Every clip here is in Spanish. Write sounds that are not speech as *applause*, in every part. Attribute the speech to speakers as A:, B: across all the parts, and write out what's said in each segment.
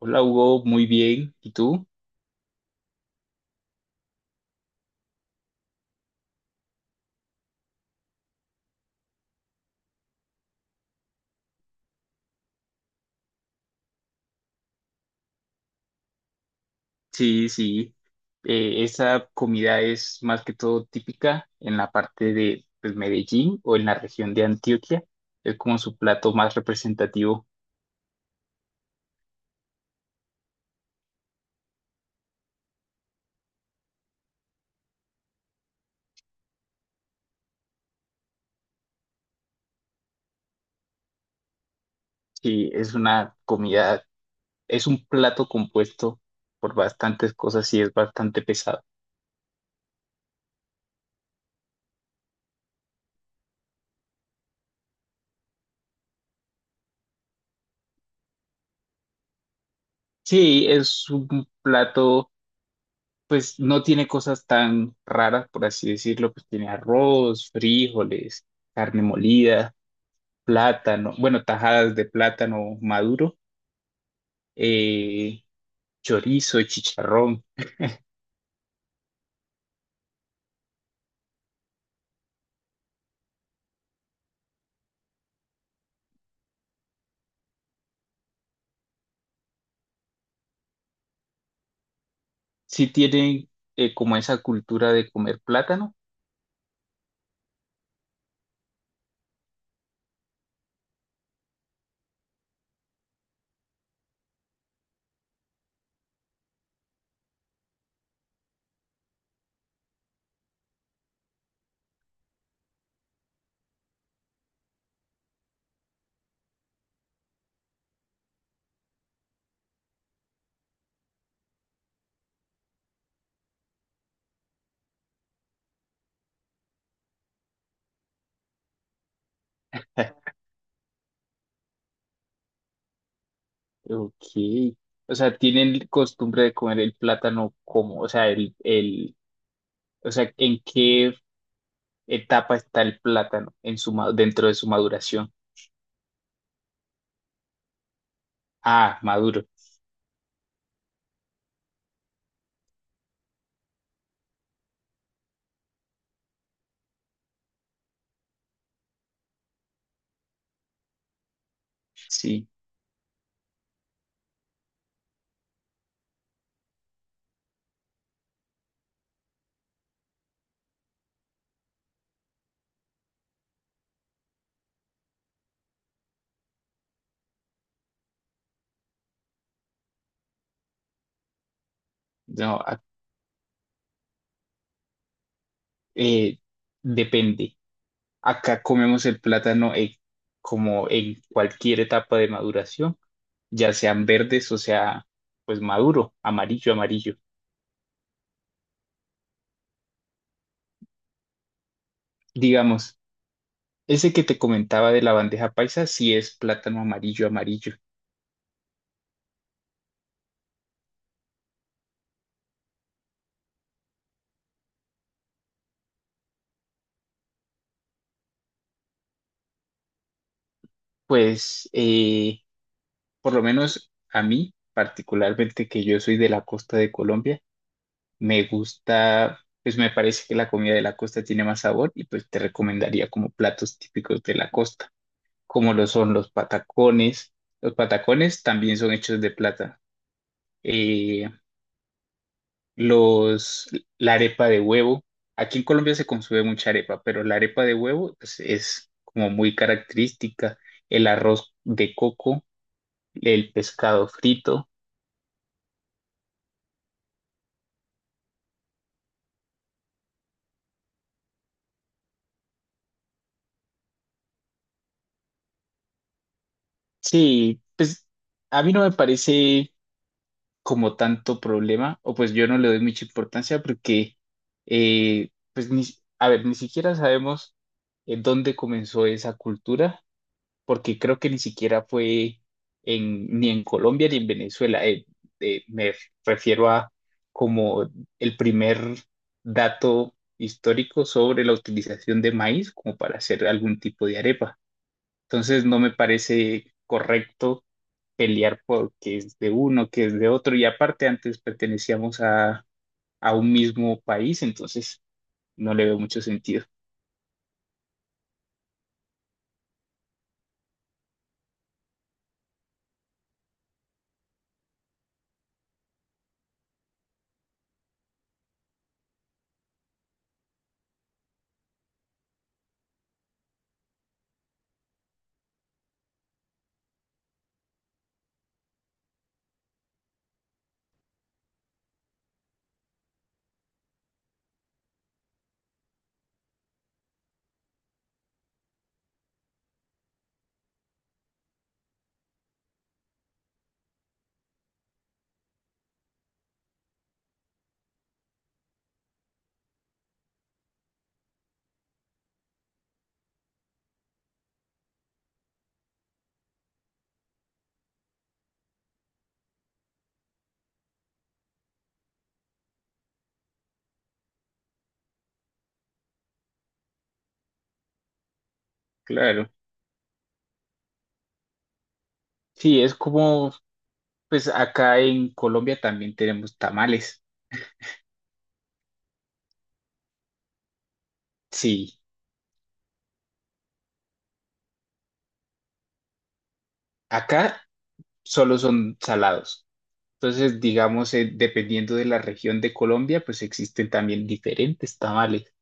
A: Hola Hugo, muy bien. ¿Y tú? Sí, sí. Esa comida es más que todo típica en la parte de pues, Medellín o en la región de Antioquia. Es como su plato más representativo. Sí, es una comida, es un plato compuesto por bastantes cosas y es bastante pesado. Sí, es un plato, pues no tiene cosas tan raras, por así decirlo, pues tiene arroz, frijoles, carne molida. Plátano, bueno, tajadas de plátano maduro, eh, chorizo, chicharrón. Sí tienen como esa cultura de comer plátano. Ok. O sea, tienen costumbre de comer el plátano como, o sea, o sea, ¿en qué etapa está el plátano en su, ma- dentro de su maduración? Ah, maduro. Sí. No, a- eh, depende. Acá comemos el plátano como en cualquier etapa de maduración. Ya sean verdes o sea, pues maduro, amarillo, amarillo. Digamos, ese que te comentaba de la bandeja paisa, sí es plátano amarillo, amarillo. Pues, por lo menos a mí, particularmente que yo soy de la costa de Colombia, me gusta, pues me parece que la comida de la costa tiene más sabor y pues te recomendaría como platos típicos de la costa, como lo son los patacones. Los patacones también son hechos de plátano. Eh, los, la arepa de huevo. Aquí en Colombia se consume mucha arepa, pero la arepa de huevo pues, es como muy característica. El arroz de coco, el pescado frito. Sí, pues a mí no me parece como tanto problema, o pues yo no le doy mucha importancia porque, pues, ni, a ver, ni siquiera sabemos en dónde comenzó esa cultura porque creo que ni siquiera fue en, ni en Colombia ni en Venezuela. Me refiero a como el primer dato histórico sobre la utilización de maíz como para hacer algún tipo de arepa. Entonces no me parece correcto pelear por qué es de uno, que es de otro. Y aparte antes pertenecíamos a un mismo país, entonces no le veo mucho sentido. Claro. Sí, es como, pues acá en Colombia también tenemos tamales. Sí, acá solo son salados. Entonces, digamos, dependiendo de la región de Colombia, pues existen también diferentes tamales,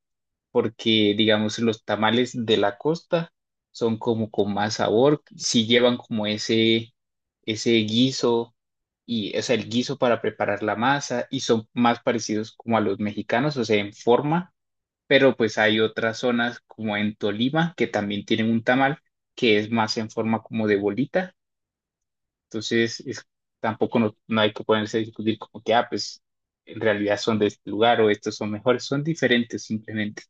A: porque, digamos, los tamales de la costa son como con más sabor, si llevan como ese guiso, y, o sea, el guiso para preparar la masa, y son más parecidos como a los mexicanos, o sea, en forma, pero pues hay otras zonas como en Tolima que también tienen un tamal que es más en forma como de bolita. Entonces, es- Tampoco no, no hay que ponerse a discutir como que, ah, pues en realidad son de este lugar o estos son mejores, son diferentes simplemente.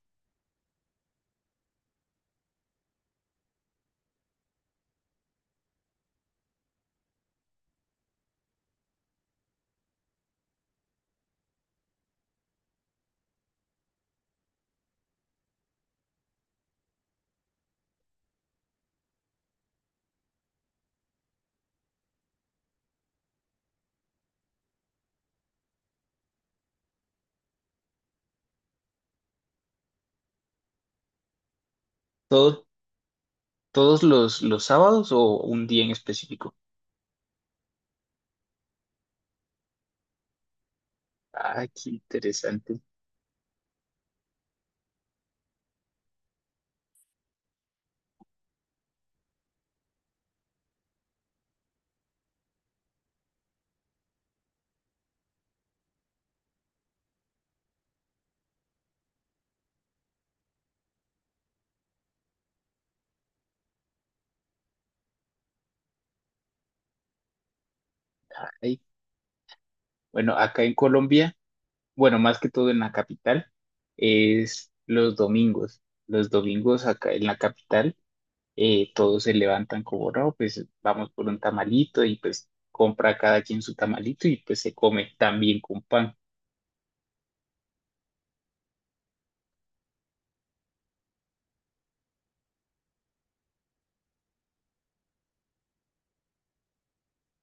A: Todo, todos los sábados o un día en específico. Ay, qué interesante. Ay. Bueno, acá en Colombia, bueno, más que todo en la capital, es los domingos. Los domingos acá en la capital, todos se levantan como, no, pues vamos por un tamalito y pues compra cada quien su tamalito y pues se come también con pan.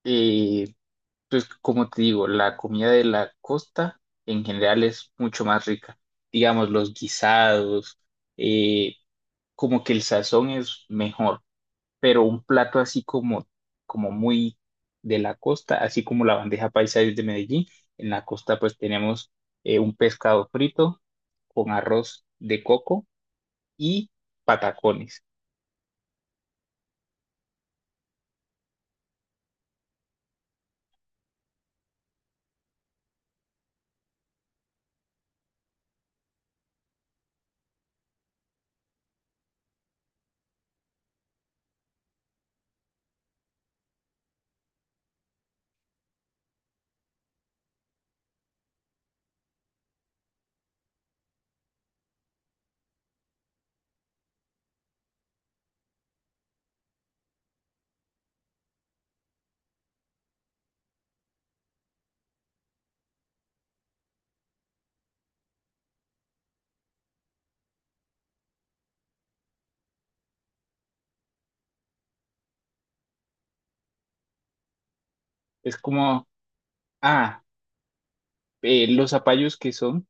A: eh, pues como te digo, la comida de la costa en general es mucho más rica. Digamos, los guisados, eh, como que el sazón es mejor, pero un plato así como, como muy de la costa, así como la bandeja paisa es de Medellín, en la costa pues tenemos un pescado frito con arroz de coco y patacones. Es como, ah, los zapallos que son,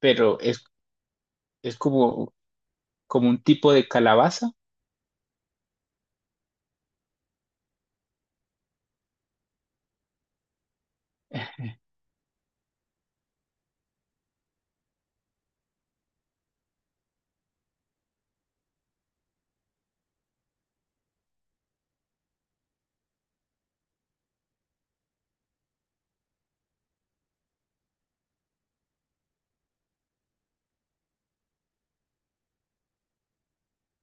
A: pero es como... como un tipo de calabaza.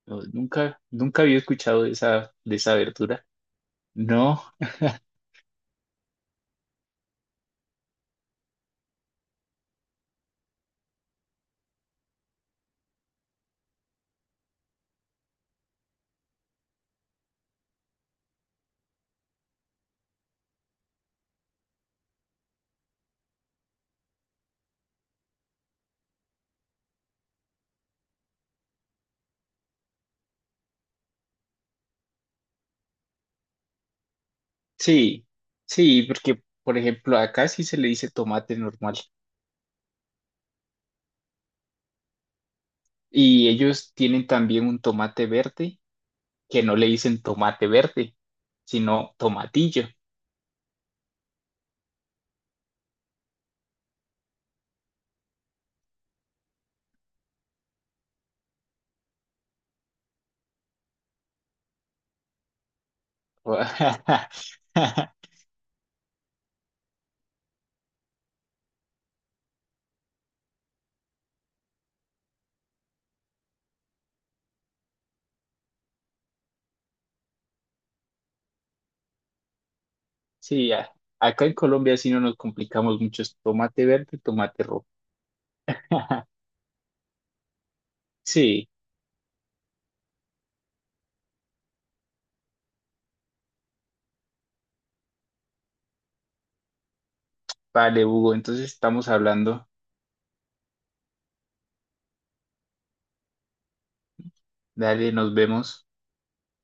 A: No, nunca, nunca había escuchado de esa verdura. No, sí, sí, porque por ejemplo acá sí se le dice tomate normal y ellos tienen también un tomate verde que no le dicen tomate verde, sino tomatillo. *laughs* Sí, a- acá en Colombia sí no nos complicamos mucho, es tomate verde, tomate rojo. *laughs* Sí, vale, Hugo, entonces estamos hablando. Dale, nos vemos.